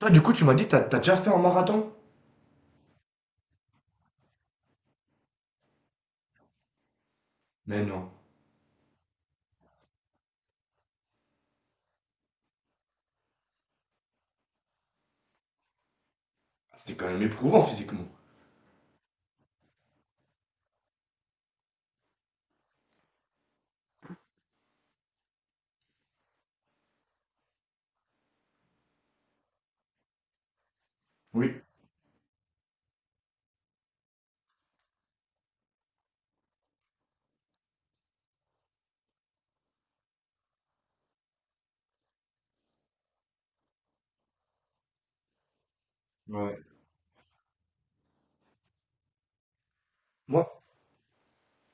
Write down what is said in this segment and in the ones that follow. Toi, du coup, tu m'as dit, t'as déjà fait un marathon? Mais non. Ah, c'était quand même éprouvant physiquement. Oui. Ouais. Moi,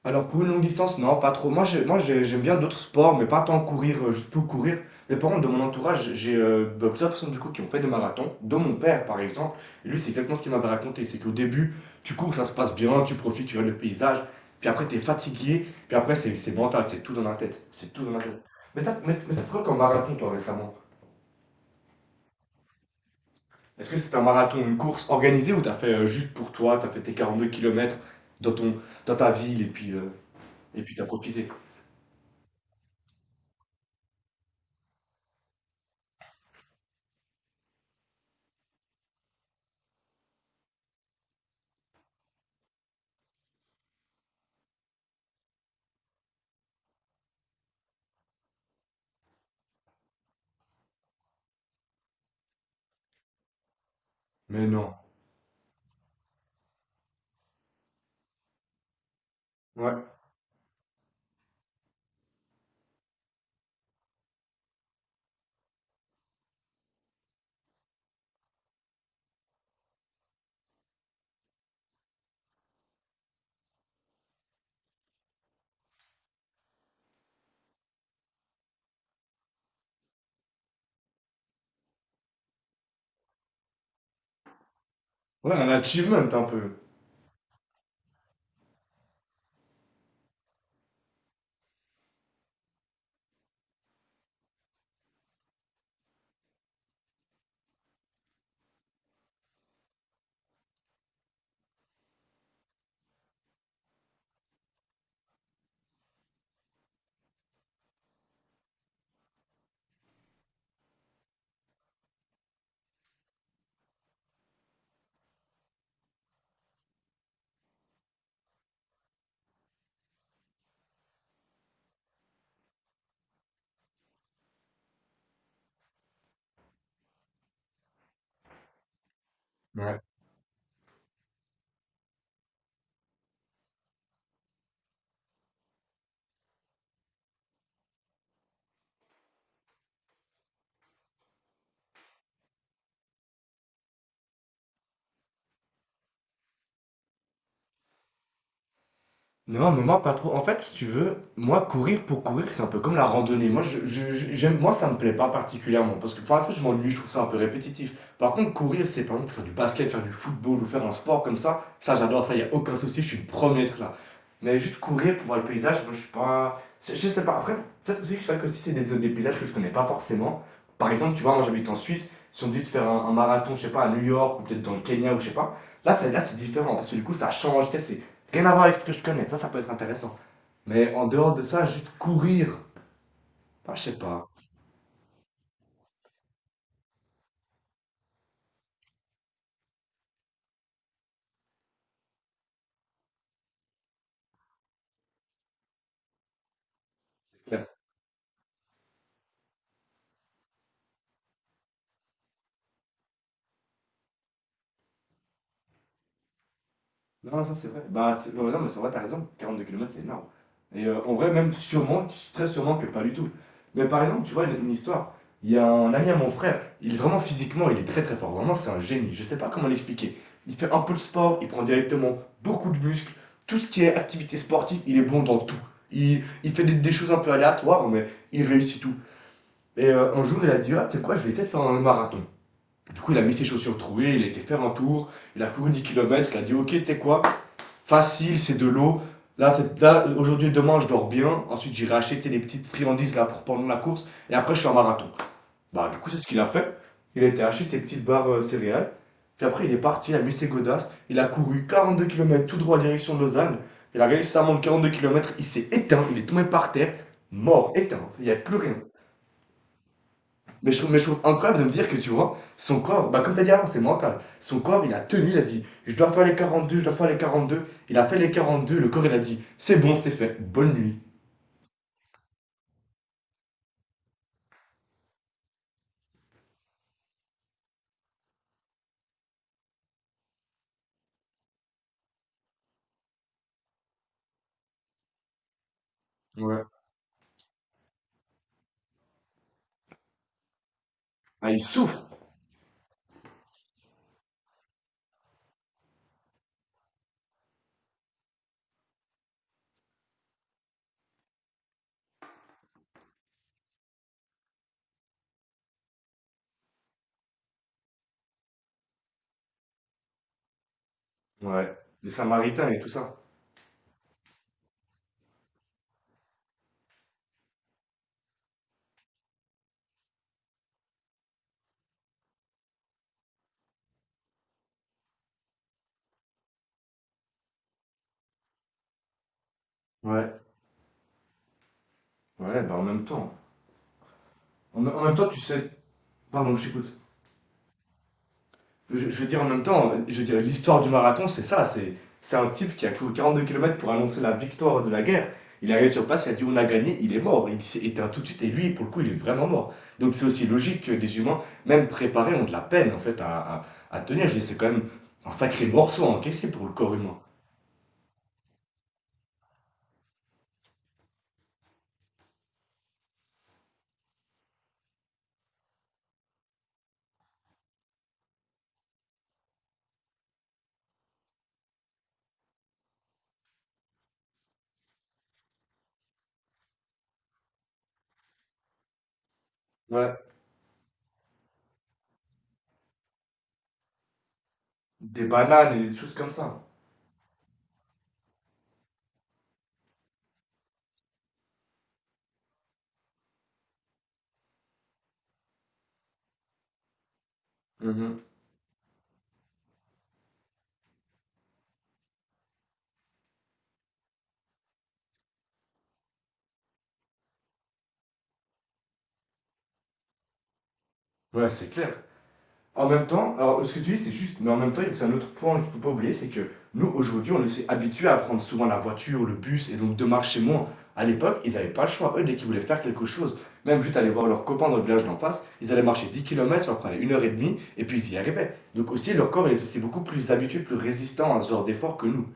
alors pour une longue distance, non, pas trop. Moi, j'aime bien d'autres sports, mais pas tant courir, juste pour courir. Mais par contre, de mon entourage, j'ai bah, plusieurs personnes du coup qui ont fait des marathons, dont mon père par exemple. Et lui, c'est exactement ce qu'il m'avait raconté. C'est qu'au début, tu cours, ça se passe bien, tu profites, tu regardes le paysage. Puis après, t'es fatigué. Puis après, c'est mental, c'est tout dans la tête. C'est tout dans la tête. Mais t'as fait quoi comme marathon, toi, récemment? Est-ce que c'est un marathon, une course organisée ou t'as fait juste pour toi, t'as fait tes 42 km dans ton, dans ta ville et puis, et puis t'as profité? Mais non. Ouais. Ouais, un achievement un peu. Ouais. Non, mais moi pas trop. En fait, si tu veux, moi courir pour courir, c'est un peu comme la randonnée. Moi, moi ça me plaît pas particulièrement parce que pour la fois, je m'ennuie, je trouve ça un peu répétitif. Par contre, courir, c'est par exemple faire du basket, faire du football ou faire un sport comme ça. Ça, j'adore ça. Il y a aucun souci, je suis le premier à être là. Mais juste courir pour voir le paysage, moi, je suis pas. Je sais pas. Après, peut-être aussi que c'est vrai que si c'est des paysages que je connais pas forcément. Par exemple, tu vois, moi j'habite en Suisse. Si on me dit de faire un marathon, je sais pas, à New York ou peut-être dans le Kenya ou je sais pas. Là, c'est différent parce que du coup, ça change. Tu sais, c'est rien à voir avec ce que je connais. Ça peut être intéressant. Mais en dehors de ça, juste courir, bah, je sais pas. Non, ça c'est vrai. Bah, ouais, non, mais c'est vrai, t'as raison. 42 km, c'est énorme. Et en vrai, même sûrement, très sûrement que pas du tout. Mais par exemple, tu vois, une histoire. Il y a un ami à mon frère, il est vraiment physiquement, il est très très fort. Vraiment, c'est un génie. Je sais pas comment l'expliquer. Il fait un peu le sport, il prend directement beaucoup de muscles. Tout ce qui est activité sportive, il est bon dans tout. Il fait des choses un peu aléatoires, mais il réussit tout. Et un jour, il a dit, Ah, tu sais quoi, je vais essayer de faire un marathon. Du coup, il a mis ses chaussures trouées, il a été faire un tour, il a couru 10 km, il a dit, Ok, tu sais quoi, facile, c'est de l'eau. Là, là, aujourd'hui et demain, je dors bien. Ensuite, j'irai acheter tu des petites friandises là, pour pendant la course. Et après, je fais un marathon. Bah, du coup, c'est ce qu'il a fait. Il a été acheter ses petites barres céréales. Puis après, il est parti, il a mis ses godasses. Il a couru 42 km tout droit direction de Lausanne. Il a réussi à monter 42 km. Il s'est éteint, il est tombé par terre, mort, éteint. Il n'y avait plus rien. Mais je trouve incroyable de me dire que tu vois, son corps, bah comme tu as dit avant, c'est mental. Son corps, il a tenu, il a dit, Je dois faire les 42, je dois faire les quarante deux. Il a fait les 42, le corps, il a dit, C'est bon, c'est fait, bonne nuit. Ouais. Ah, il souffre. Ouais, les Samaritains et tout ça. Ouais. Ouais, bah en même temps. En même temps, tu sais. Pardon, je t'écoute. Je veux dire, en même temps, je veux dire, l'histoire du marathon, c'est ça. C'est un type qui a couru 42 km pour annoncer la victoire de la guerre. Il est arrivé sur place, il a dit, on a gagné, il est mort. Il s'est éteint tout de suite et lui, pour le coup, il est vraiment mort. Donc c'est aussi logique que des humains, même préparés, ont de la peine en fait à tenir. Je veux dire, c'est quand même un sacré morceau à encaisser pour le corps humain. Ouais, des bananes et des choses comme ça. Mhm. Ouais, c'est clair. En même temps, alors ce que tu dis, c'est juste, mais en même temps, c'est un autre point qu'il ne faut pas oublier, c'est que nous, aujourd'hui, on s'est habitués à prendre souvent la voiture, le bus, et donc de marcher moins. À l'époque, ils n'avaient pas le choix. Eux, dès qu'ils voulaient faire quelque chose, même juste aller voir leurs copains dans le village d'en face, ils allaient marcher 10 km, ça leur prenait une heure et demie, et puis ils y arrivaient. Donc aussi, leur corps, il est aussi beaucoup plus habitué, plus résistant à ce genre d'effort que nous.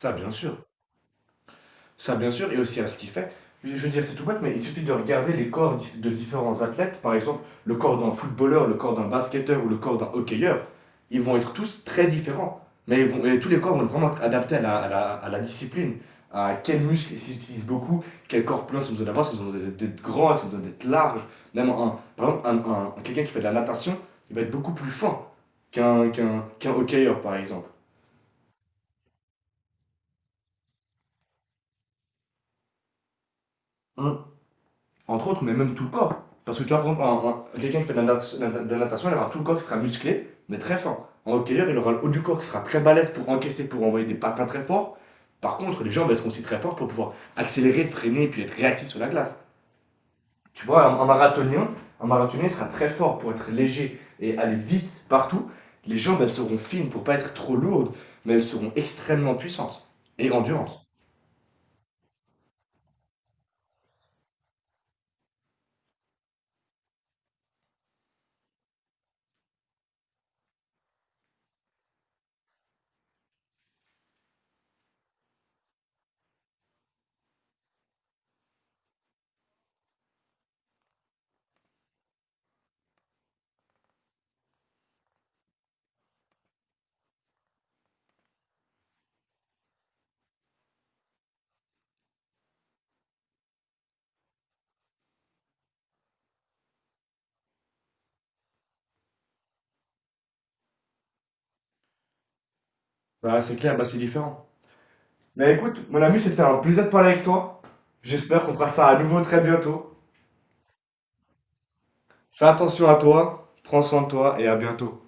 Ça, bien sûr. Ça, bien sûr, et aussi à ce qu'il fait. Je veux dire, c'est tout bête, mais il suffit de regarder les corps de différents athlètes. Par exemple, le corps d'un footballeur, le corps d'un basketteur ou le corps d'un hockeyeur. Ils vont être tous très différents. Mais et tous les corps vont vraiment être adaptés à la discipline. À quels muscles ils utilisent beaucoup, quel corps plein si vous besoin d'avoir, si vous besoin grand, si vous besoin d'être large. Même un, par exemple, quelqu'un qui fait de la natation, il va être beaucoup plus fin qu'un hockeyeur, par exemple. Un- Entre autres, mais même tout le corps. Parce que tu vois, par quelqu'un qui fait de natation, il aura tout le corps qui sera musclé, mais très fort. Un hockeyeur, il aura le haut du corps qui sera très balèze pour encaisser, pour envoyer des patins très forts. Par contre, les jambes, elles seront aussi très fortes pour pouvoir accélérer, freiner, puis être réactif sur la glace. Tu vois, un marathonien sera très fort pour être léger et aller vite partout. Les jambes, elles seront fines pour pas être trop lourdes, mais elles seront extrêmement puissantes et endurantes. Bah, c'est clair, bah, c'est différent. Mais écoute, mon ami, c'était un plaisir de parler avec toi. J'espère qu'on fera ça à nouveau très bientôt. Fais attention à toi, prends soin de toi et à bientôt.